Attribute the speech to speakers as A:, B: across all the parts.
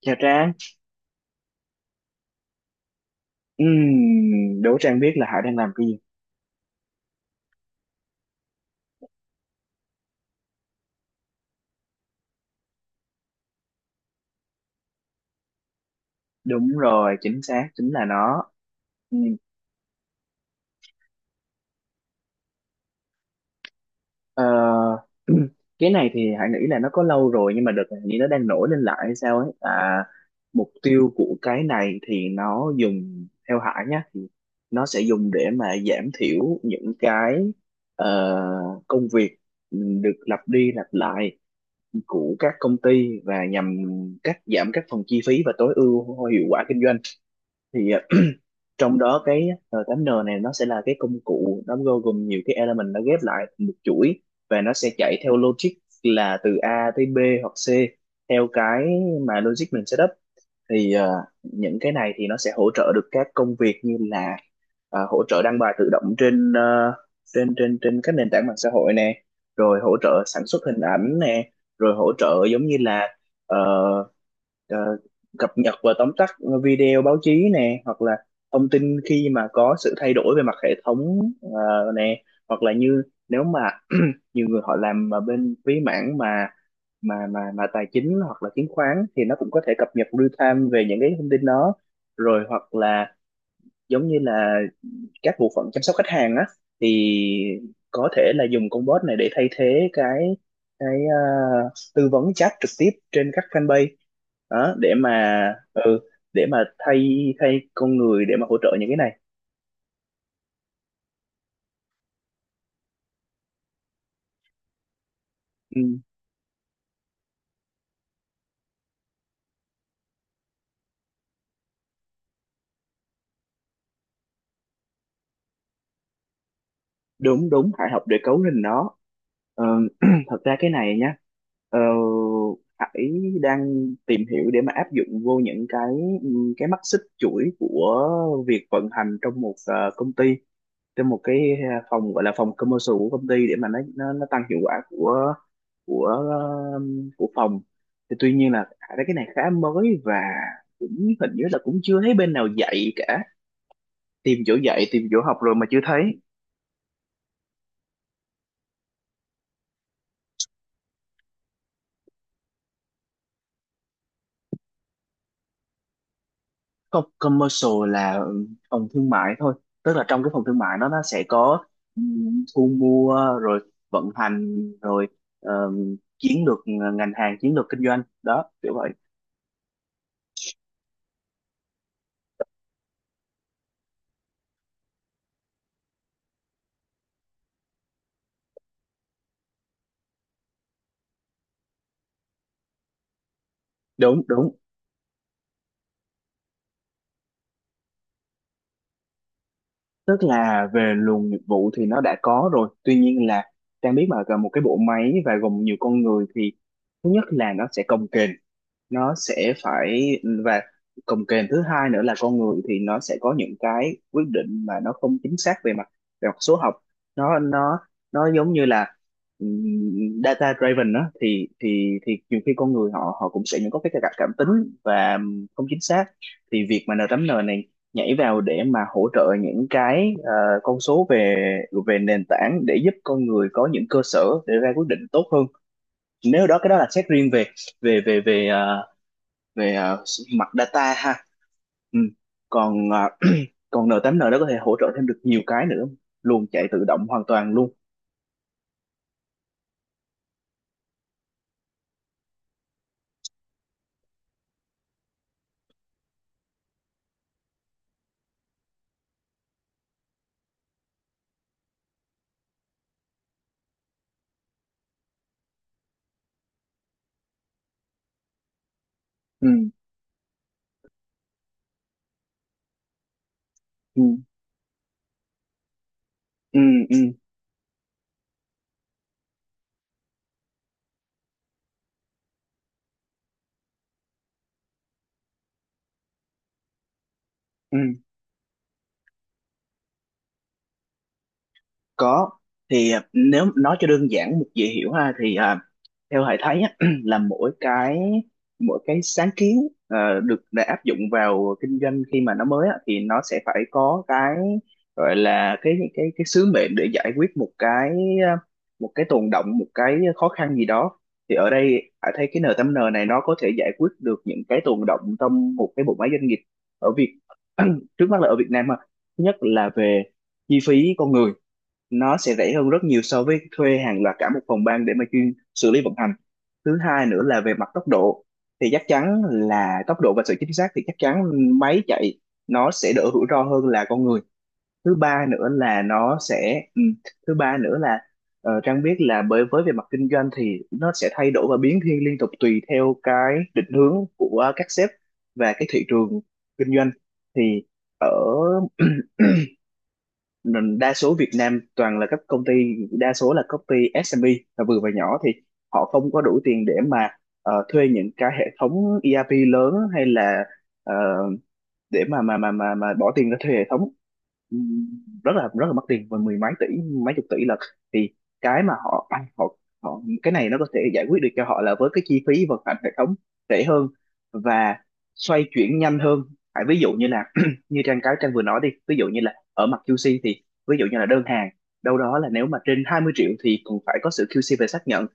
A: Chào Trang. Đố Trang biết là Hải đang làm cái gì? Đúng rồi, chính xác, chính là nó. Ừm, ờ, cái này thì Hải nghĩ là nó có lâu rồi nhưng mà đợt này hình như nó đang nổi lên lại hay sao ấy. À, mục tiêu của cái này thì nó dùng, theo Hải nhá, thì nó sẽ dùng để mà giảm thiểu những cái công việc được lặp đi lặp lại của các công ty và nhằm cắt giảm các phần chi phí và tối ưu hiệu quả kinh doanh. thì ờ, Trong đó cái R8N này nó sẽ là cái công cụ, nó bao gồm nhiều cái element nó ghép lại thành một chuỗi, và nó sẽ chạy theo logic là từ A tới B hoặc C theo cái mà logic mình setup. Những cái này thì nó sẽ hỗ trợ được các công việc như là hỗ trợ đăng bài tự động trên trên các nền tảng mạng xã hội nè, rồi hỗ trợ sản xuất hình ảnh nè, rồi hỗ trợ giống như là ờ, ờ, cập nhật và tóm tắt video báo chí nè, hoặc là thông tin khi mà có sự thay đổi về mặt hệ thống nè, hoặc là như nếu mà nhiều người họ làm mà bên phía mảng mà tài chính hoặc là chứng khoán thì nó cũng có thể cập nhật real time về những cái thông tin đó, rồi hoặc là giống như là các bộ phận chăm sóc khách hàng á thì có thể là dùng con bot này để thay thế cái ờ, tư vấn chat trực tiếp trên các fanpage đó để mà ừ, để mà thay thay con người để mà hỗ trợ những cái này. Ừ, đúng đúng, phải học để cấu lên nó. Ờ, thật ra cái này nhá, ờ, Hải đang tìm hiểu để mà áp dụng vô những cái mắt xích chuỗi của việc vận hành trong một công ty, trong một cái phòng gọi là phòng commercial của công ty để mà nó tăng hiệu quả của của ờ, của phòng. Thì tuy nhiên là Hải thấy cái này khá mới và cũng hình như là cũng chưa thấy bên nào dạy cả, tìm chỗ dạy tìm chỗ học rồi mà chưa thấy. Không, commercial là phòng thương mại thôi, tức là trong cái phòng thương mại nó sẽ có thu mua, rồi vận hành, rồi chiến lược ngành hàng, chiến lược kinh doanh đó, kiểu vậy. Đúng Đúng. Tức là về luồng nghiệp vụ thì nó đã có rồi, tuy nhiên là Trang biết mà cả một cái bộ máy và gồm nhiều con người thì thứ nhất là nó sẽ cồng kềnh, nó sẽ phải và cồng kềnh. Thứ hai nữa là con người thì nó sẽ có những cái quyết định mà nó không chính xác về mặt số học. nó nó nó giống như là data driven đó, thì nhiều khi con người họ họ cũng sẽ những có cái cảm cảm tính và không chính xác. Thì việc mà n tám n này nhảy vào để mà hỗ trợ những cái con số về về nền tảng để giúp con người có những cơ sở để ra quyết định tốt hơn. Nếu đó cái đó là xét riêng về về về về ờ, mặt data ha. Ừ. Còn còn n tám n đó có thể hỗ trợ thêm được nhiều cái nữa, luôn chạy tự động hoàn toàn luôn. Ừ. Ừ. Ừ. Ừ. Ừ. Có. Thì à, nếu nói cho đơn giản dễ hiểu ha thì à, theo thầy thấy á, là mỗi cái sáng kiến à, được để áp dụng vào kinh doanh khi mà nó mới á, thì nó sẽ phải có cái gọi là cái sứ mệnh để giải quyết một à, một cái tồn đọng, một cái khó khăn gì đó. Thì ở đây thầy thấy cái N8N này nó có thể giải quyết được những cái tồn đọng trong một cái bộ máy doanh nghiệp ở trước mắt là ở Việt Nam ha. Thứ nhất là về chi phí con người, nó sẽ rẻ hơn rất nhiều so với thuê hàng loạt cả một phòng ban để mà chuyên xử lý vận hành. Thứ hai nữa là về mặt tốc độ, thì chắc chắn là tốc độ và sự chính xác thì chắc chắn máy chạy nó sẽ đỡ rủi ro hơn là con người. Thứ ba nữa là nó sẽ ừ, thứ ba nữa là ờ, Trang biết là bởi với về mặt kinh doanh thì nó sẽ thay đổi và biến thiên liên tục tùy theo cái định hướng của các sếp và cái thị trường kinh doanh. Thì ở nên đa số Việt Nam toàn là các công ty, đa số là công ty SME, là vừa và nhỏ, thì họ không có đủ tiền để mà thuê những cái hệ thống ERP lớn, hay là ờ, để mà bỏ tiền ra thuê hệ thống, ừm, rất là mất tiền, và mười mấy tỷ, mấy chục tỷ lận. Thì cái mà họ à, họ họ, cái này nó có thể giải quyết được cho họ là với cái chi phí vận hành hệ thống rẻ hơn và xoay chuyển nhanh hơn. Tại ví dụ như là như Trang vừa nói đi, ví dụ như là ở mặt QC thì ví dụ như là đơn hàng đâu đó là nếu mà trên 20 triệu thì cũng phải có sự QC về xác nhận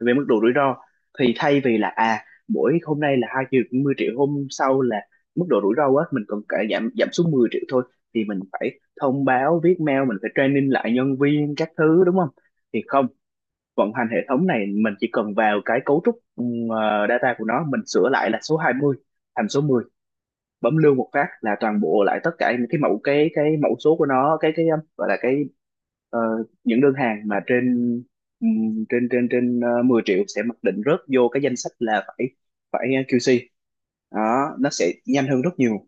A: về mức độ rủi ro. Thì thay vì là à, mỗi hôm nay là 2 triệu, 20 triệu, hôm sau là mức độ rủi ro á, mình cần cải giảm giảm xuống 10 triệu thôi, thì mình phải thông báo viết mail, mình phải training lại nhân viên các thứ đúng không. Thì không, vận hành hệ thống này mình chỉ cần vào cái cấu trúc data của nó, mình sửa lại là số 20 thành số 10, bấm lưu một phát là toàn bộ lại tất cả những cái mẫu, cái mẫu số của nó, cái gọi là cái ờ, những đơn hàng mà trên trên trên trên ờ, 10 triệu sẽ mặc định rớt vô cái danh sách là phải phải QC, đó nó sẽ nhanh hơn rất nhiều.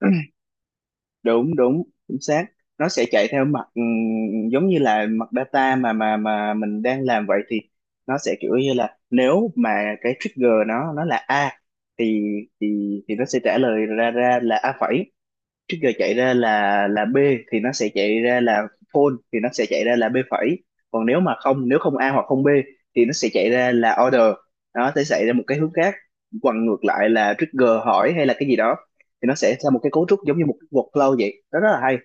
A: đúng Đúng, chính xác. Nó sẽ chạy theo mặt giống như là mặt data mà mình đang làm vậy. Thì nó sẽ kiểu như là nếu mà cái trigger nó là a thì thì nó sẽ trả lời ra ra là a phẩy, trước giờ chạy ra là B thì nó sẽ chạy ra là phone, thì nó sẽ chạy ra là B phẩy. Còn nếu mà không, nếu không A hoặc không B thì nó sẽ chạy ra là order, nó sẽ chạy ra một cái hướng khác. Còn ngược lại là trigger hỏi hay là cái gì đó thì nó sẽ ra một cái cấu trúc giống như một cái workflow vậy đó, rất là hay.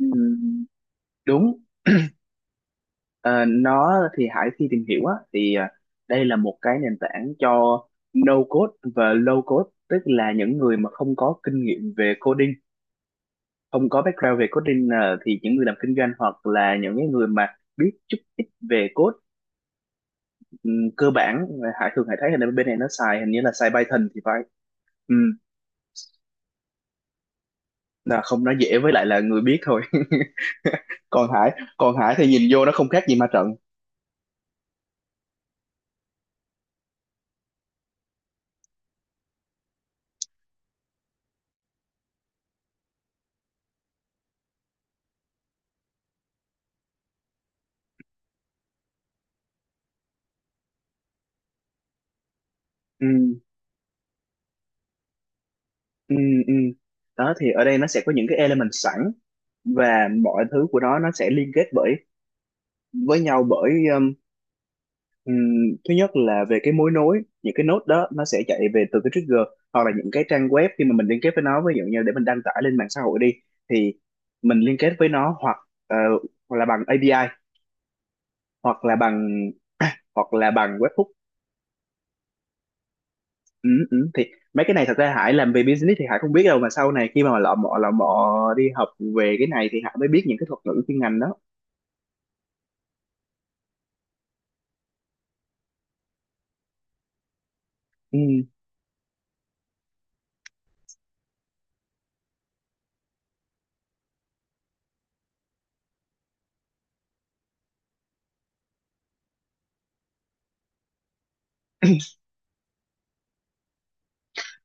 A: Ừm, đúng. Ờ, nó thì Hải khi tìm hiểu á thì à, đây là một cái nền tảng cho no code và low code, tức là những người mà không có kinh nghiệm về coding, không có background về coding, thì những người làm kinh doanh hoặc là những cái người mà biết chút ít về code cơ bản. Hải thấy là bên này nó xài hình như là xài Python thì phải. Ừm, là không, nó dễ với lại là người biết thôi. còn Hải Còn Hải thì nhìn vô nó không khác gì ma trận. Ừm, ừm, ừm. Đó thì ở đây nó sẽ có những cái element sẵn, và mọi thứ của nó sẽ liên kết với nhau bởi Ừm, thứ nhất là về cái mối nối. Những cái node đó nó sẽ chạy về từ cái trigger, hoặc là những cái trang web khi mà mình liên kết với nó, ví dụ như để mình đăng tải lên mạng xã hội đi thì mình liên kết với nó, hoặc ờ, hoặc là bằng API, hoặc là bằng hoặc là bằng webhook. Ừ, ừ. Thì mấy cái này thật ra Hải làm về business thì Hải không biết đâu, mà sau này khi mà lọ mọ đi học về cái này thì Hải mới biết những cái thuật ngữ chuyên ngành đó. Ừ.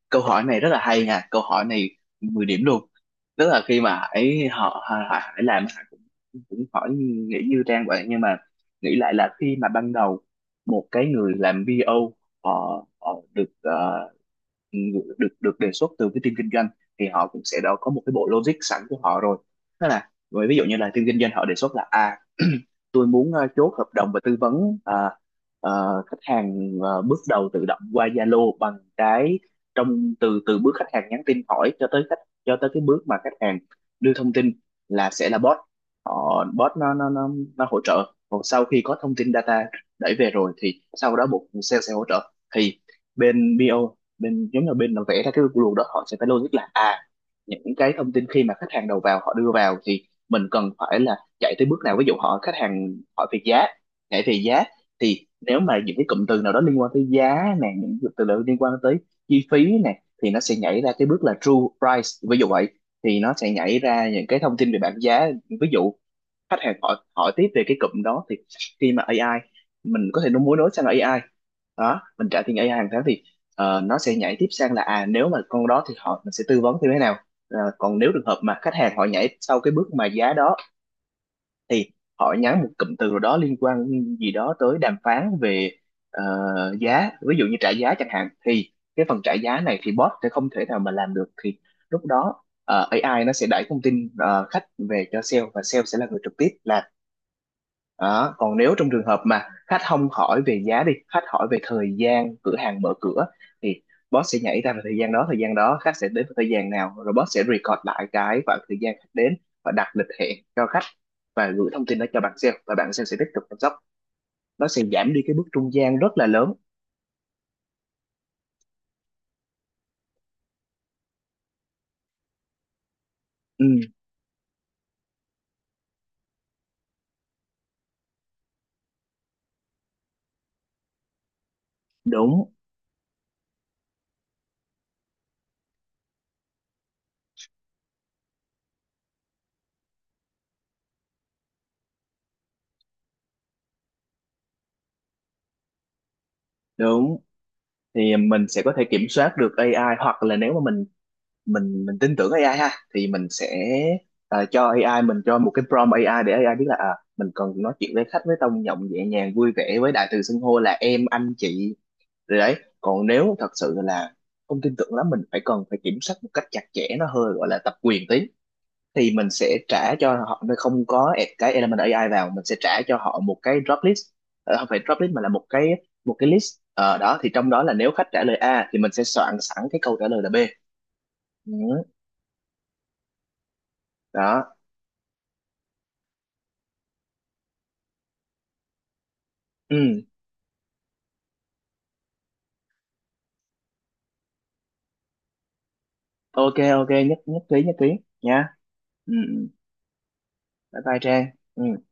A: Câu hỏi này rất là hay nha, câu hỏi này 10 điểm luôn. Tức là khi mà Hải họ, Hải làm Hải cũng cũng hỏi, nghĩ như Trang vậy, nhưng mà nghĩ lại là khi mà ban đầu một cái người làm BO, họ được được được đề xuất từ cái team kinh doanh thì họ cũng sẽ đã có một cái bộ logic sẵn của họ rồi. Tức là ví dụ như là team kinh doanh họ đề xuất là à, tôi muốn chốt hợp đồng và tư vấn khách hàng bước đầu tự động qua Zalo bằng cái, trong từ từ bước khách hàng nhắn tin hỏi cho tới khách, cho tới cái bước mà khách hàng đưa thông tin là sẽ là bot. Họ bot nó hỗ trợ, còn sau khi có thông tin data đẩy về rồi thì sau đó bộ phận sale sẽ hỗ trợ, thì bên BO, bên giống như bên làm vẽ ra cái luồng đó họ sẽ phải logic là à, những cái thông tin khi mà khách hàng đầu vào họ đưa vào thì mình cần phải là chạy tới bước nào. Ví dụ họ khách hàng hỏi về giá, nhảy về giá, thì nếu mà những cái cụm từ nào đó liên quan tới giá này, những cụm từ nào liên quan tới chi phí này thì nó sẽ nhảy ra cái bước là true price ví dụ vậy, thì nó sẽ nhảy ra những cái thông tin về bảng giá. Ví dụ khách hàng hỏi hỏi tiếp về cái cụm đó thì khi mà AI, mình có thể nó muốn nối sang AI đó, mình trả tiền AI hàng tháng, thì nó sẽ nhảy tiếp sang là à, nếu mà con đó thì họ mình sẽ tư vấn như thế nào. Ờ, còn nếu trường hợp mà khách hàng họ nhảy sau cái bước mà giá đó thì họ nhắn một cụm từ nào đó liên quan gì đó tới đàm phán về ờ, giá, ví dụ như trả giá chẳng hạn, thì cái phần trả giá này thì bot sẽ không thể nào mà làm được, thì lúc đó AI nó sẽ đẩy thông tin khách về cho sale và sale sẽ là người trực tiếp là đó. Còn nếu trong trường hợp mà khách không hỏi về giá đi, khách hỏi về thời gian cửa hàng mở cửa thì boss sẽ nhảy ra vào thời gian đó, thời gian đó khách sẽ đến vào thời gian nào, rồi boss sẽ record lại cái khoảng thời gian khách đến và đặt lịch hẹn cho khách và gửi thông tin đó cho bạn sale và bạn sale sẽ tiếp tục chăm sóc. Nó sẽ giảm đi cái bước trung gian rất là lớn. Ừ, đúng đúng. Thì mình sẽ có thể kiểm soát được AI, hoặc là nếu mà mình tin tưởng AI ha thì mình sẽ à, cho AI, mình cho một cái prompt AI để AI biết là à, mình cần nói chuyện với khách với tông giọng nhẹ nhàng vui vẻ với đại từ xưng hô là em anh chị rồi đấy. Còn nếu thật sự là không tin tưởng lắm, mình phải cần phải kiểm soát một cách chặt chẽ, nó hơi gọi là tập quyền tí, thì mình sẽ trả cho họ, nó không có add cái element AI vào, mình sẽ trả cho họ một cái drop list. Ờ, không phải drop list mà là một cái list. Ờ, đó thì trong đó là nếu khách trả lời A thì mình sẽ soạn sẵn cái câu trả lời là B. Ừ, đó. Ừ, ok, ok, nhất nhất trí nha. Ừ ừ. Bye bye Trang. Ừ.